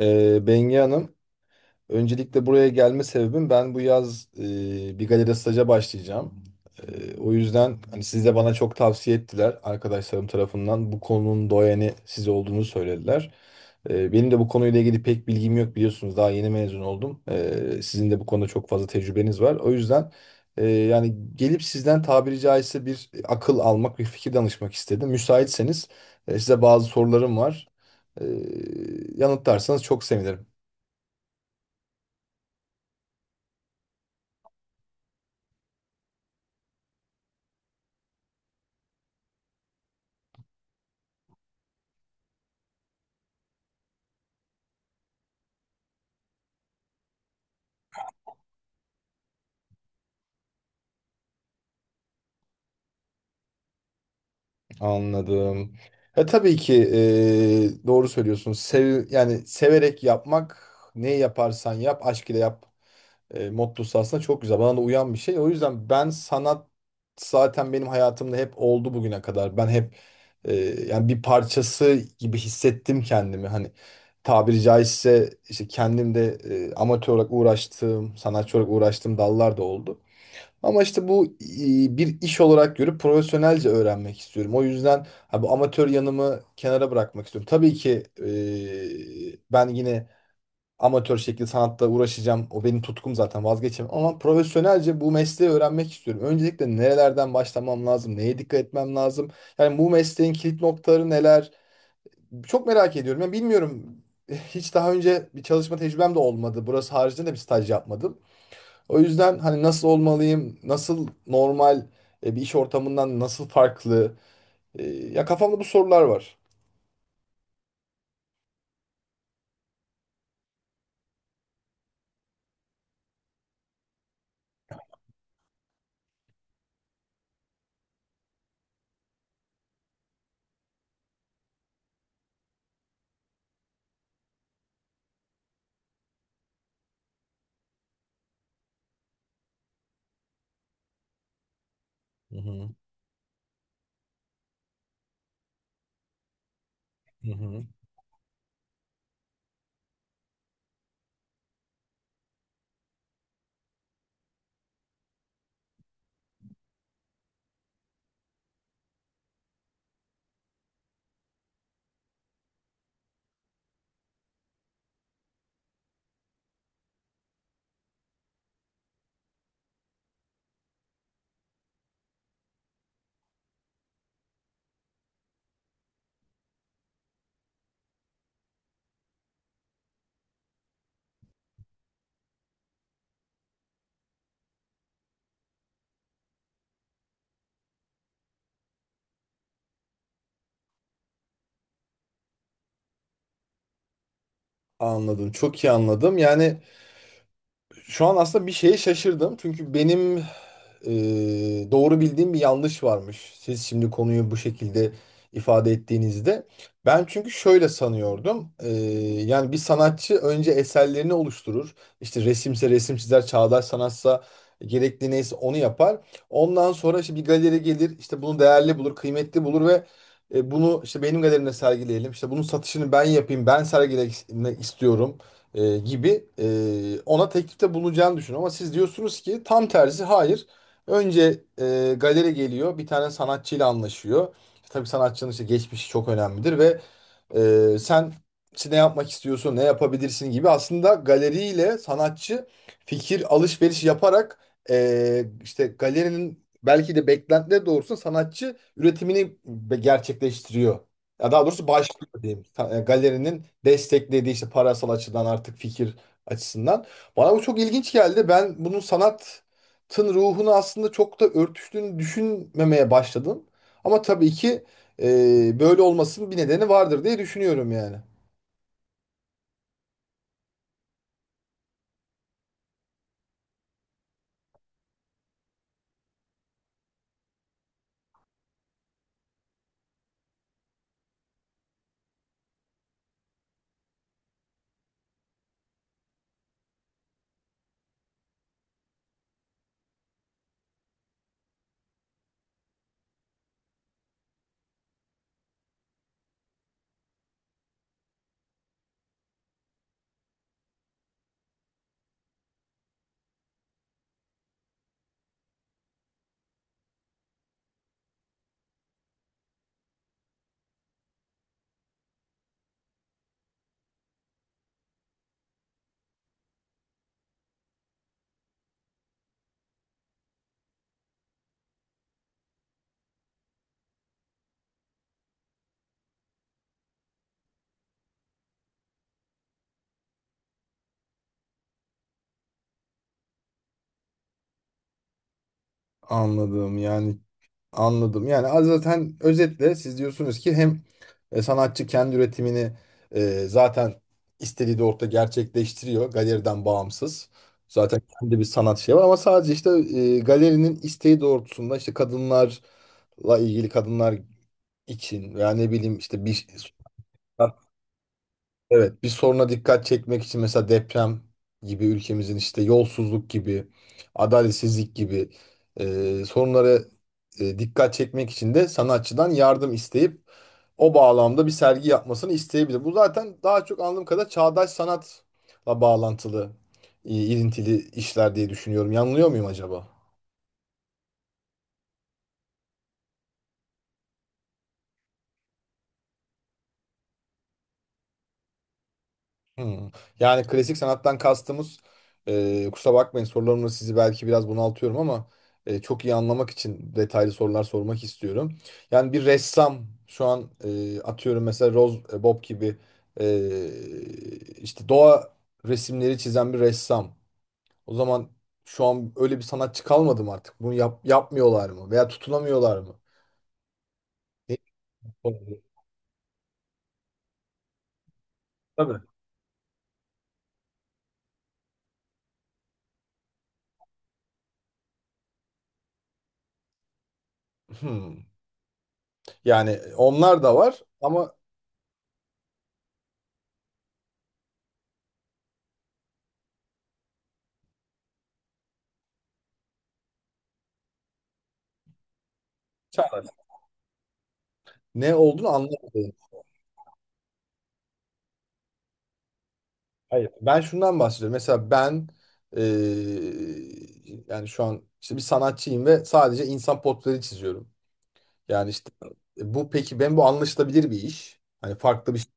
Bengi Hanım, öncelikle buraya gelme sebebim, ben bu yaz bir galeride staja başlayacağım. O yüzden hani siz de bana çok tavsiye ettiler arkadaşlarım tarafından. Bu konunun doyeni siz olduğunu söylediler. Benim de bu konuyla ilgili pek bilgim yok, biliyorsunuz. Daha yeni mezun oldum. Sizin de bu konuda çok fazla tecrübeniz var. O yüzden yani gelip sizden tabiri caizse bir akıl almak, bir fikir danışmak istedim. Müsaitseniz size bazı sorularım var. E, yanıtlarsanız çok sevinirim. Anladım. Tabii ki doğru söylüyorsun. Yani severek yapmak, ne yaparsan yap aşk ile yap mottosu aslında çok güzel. Bana da uyan bir şey. O yüzden ben sanat zaten benim hayatımda hep oldu bugüne kadar. Ben hep e, yani bir parçası gibi hissettim kendimi. Hani tabiri caizse işte kendim de amatör olarak uğraştığım, sanatçı olarak uğraştığım dallar da oldu. Ama işte bu bir iş olarak görüp profesyonelce öğrenmek istiyorum. O yüzden bu amatör yanımı kenara bırakmak istiyorum. Tabii ki ben yine amatör şekilde sanatla uğraşacağım. O benim tutkum, zaten vazgeçemem. Ama profesyonelce bu mesleği öğrenmek istiyorum. Öncelikle nerelerden başlamam lazım? Neye dikkat etmem lazım? Yani bu mesleğin kilit noktaları neler? Çok merak ediyorum. Yani bilmiyorum. Hiç daha önce bir çalışma tecrübem de olmadı. Burası haricinde de bir staj yapmadım. O yüzden hani nasıl olmalıyım, nasıl normal bir iş ortamından nasıl farklı? Ya kafamda bu sorular var. Hı hı. Hı hı. Anladım, çok iyi anladım. Yani şu an aslında bir şeye şaşırdım. Çünkü benim e, doğru bildiğim bir yanlış varmış. Siz şimdi konuyu bu şekilde ifade ettiğinizde... Ben çünkü şöyle sanıyordum. Yani bir sanatçı önce eserlerini oluşturur. İşte resimse resim çizer, çağdaş sanatsa gerekli neyse onu yapar. Ondan sonra işte bir galeri gelir, işte bunu değerli bulur, kıymetli bulur ve bunu işte benim galerimde sergileyelim, İşte bunun satışını ben yapayım, ben sergilemek istiyorum gibi ona teklifte bulunacağını düşün. Ama siz diyorsunuz ki tam tersi, hayır. Önce galeri geliyor, bir tane sanatçıyla anlaşıyor. İşte tabii sanatçının işte geçmişi çok önemlidir ve sen işte ne yapmak istiyorsun, ne yapabilirsin gibi aslında galeriyle sanatçı fikir alışveriş yaparak işte galerinin belki de beklentileri doğrusunda sanatçı üretimini gerçekleştiriyor. Ya daha doğrusu başlıyor diyeyim. Galerinin desteklediği, işte parasal açıdan, artık fikir açısından. Bana bu çok ilginç geldi. Ben bunun sanatın ruhunu aslında çok da örtüştüğünü düşünmemeye başladım. Ama tabii ki böyle olmasının bir nedeni vardır diye düşünüyorum yani. Anladım, yani anladım. Yani az zaten özetle siz diyorsunuz ki hem sanatçı kendi üretimini zaten istediği de orada gerçekleştiriyor galeriden bağımsız. Zaten kendi bir sanat şey var, ama sadece işte galerinin isteği doğrultusunda işte kadınlarla ilgili, kadınlar için veya ne bileyim işte bir, evet, bir soruna dikkat çekmek için, mesela deprem gibi, ülkemizin işte yolsuzluk gibi, adaletsizlik gibi sorunlara dikkat çekmek için de sanatçıdan yardım isteyip o bağlamda bir sergi yapmasını isteyebilir. Bu zaten daha çok, anladığım kadar, çağdaş sanatla bağlantılı, ilintili işler diye düşünüyorum. Yanılıyor muyum acaba? Hmm. Yani klasik sanattan kastımız... Kusura bakmayın, sorularımla sizi belki biraz bunaltıyorum ama çok iyi anlamak için detaylı sorular sormak istiyorum. Yani bir ressam şu an, atıyorum mesela Rose Bob gibi, işte doğa resimleri çizen bir ressam. O zaman şu an öyle bir sanatçı kalmadı mı artık? Bunu yapmıyorlar mı? Veya tutunamıyorlar mı? Ne- Tabii. Hmm. Yani onlar da var ama çağlar... Ne olduğunu anlamadım. Hayır, ben şundan bahsediyorum. Mesela ben yani şu an işte bir sanatçıyım ve sadece insan portreleri çiziyorum. Yani işte, bu peki, ben bu anlaşılabilir bir iş. Hani farklı bir şey.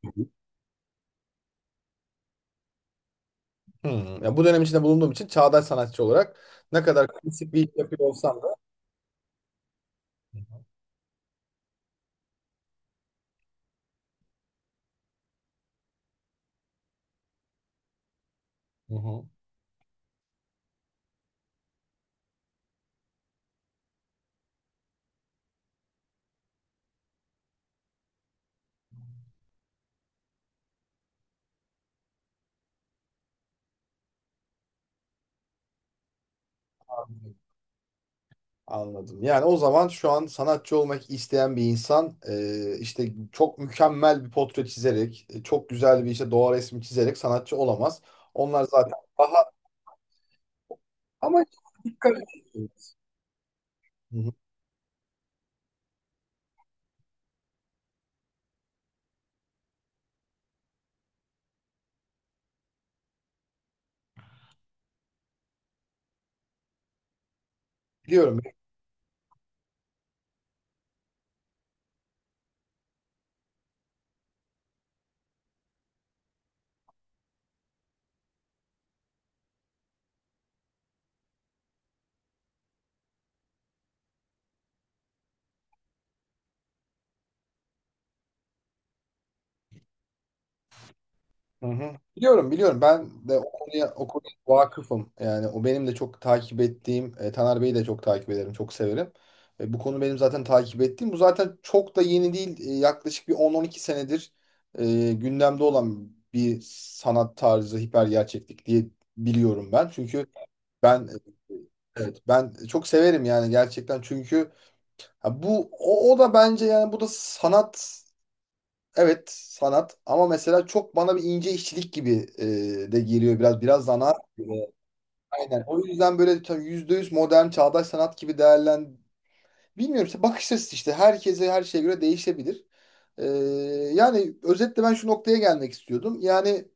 Hmm. Yani bu dönem içinde bulunduğum için çağdaş sanatçı olarak ne kadar klasik bir iş yapıyor olsam da... Hı hı. Anladım. Yani o zaman şu an sanatçı olmak isteyen bir insan, işte çok mükemmel bir portre çizerek, çok güzel bir işte doğa resmi çizerek sanatçı olamaz. Onlar zaten daha... Ama dikkat edin. Hı hı. Biliyorum. Hı hı. Biliyorum, biliyorum. Ben de o konuya, o konuya vakıfım. Yani o benim de çok takip ettiğim, Taner Bey'i de çok takip ederim, çok severim. Bu konu benim zaten takip ettiğim. Bu zaten çok da yeni değil. Yaklaşık bir 10-12 senedir gündemde olan bir sanat tarzı, hiper gerçeklik diye biliyorum ben. Çünkü ben evet, ben çok severim yani, gerçekten. Çünkü ha bu o, o da bence, yani bu da sanat. Evet, sanat ama mesela çok bana bir ince işçilik gibi de geliyor, biraz biraz zanaat gibi. Aynen. O yüzden böyle tam %100 modern çağdaş sanat gibi bilmiyorum işte, bakış açısı işte herkese, her şeye göre değişebilir. E, yani özetle ben şu noktaya gelmek istiyordum. Yani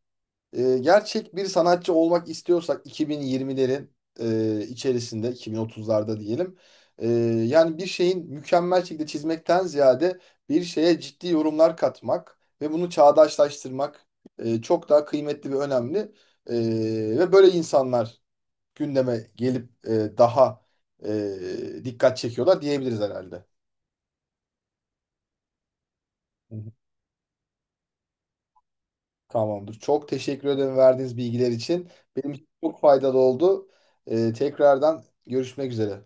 gerçek bir sanatçı olmak istiyorsak 2020'lerin içerisinde, 2030'larda diyelim. E, yani bir şeyin mükemmel şekilde çizmekten ziyade, bir şeye ciddi yorumlar katmak ve bunu çağdaşlaştırmak çok daha kıymetli ve önemli. E, ve böyle insanlar gündeme gelip daha dikkat çekiyorlar diyebiliriz herhalde. Tamamdır. Çok teşekkür ederim verdiğiniz bilgiler için. Benim için çok faydalı oldu. Tekrardan görüşmek üzere.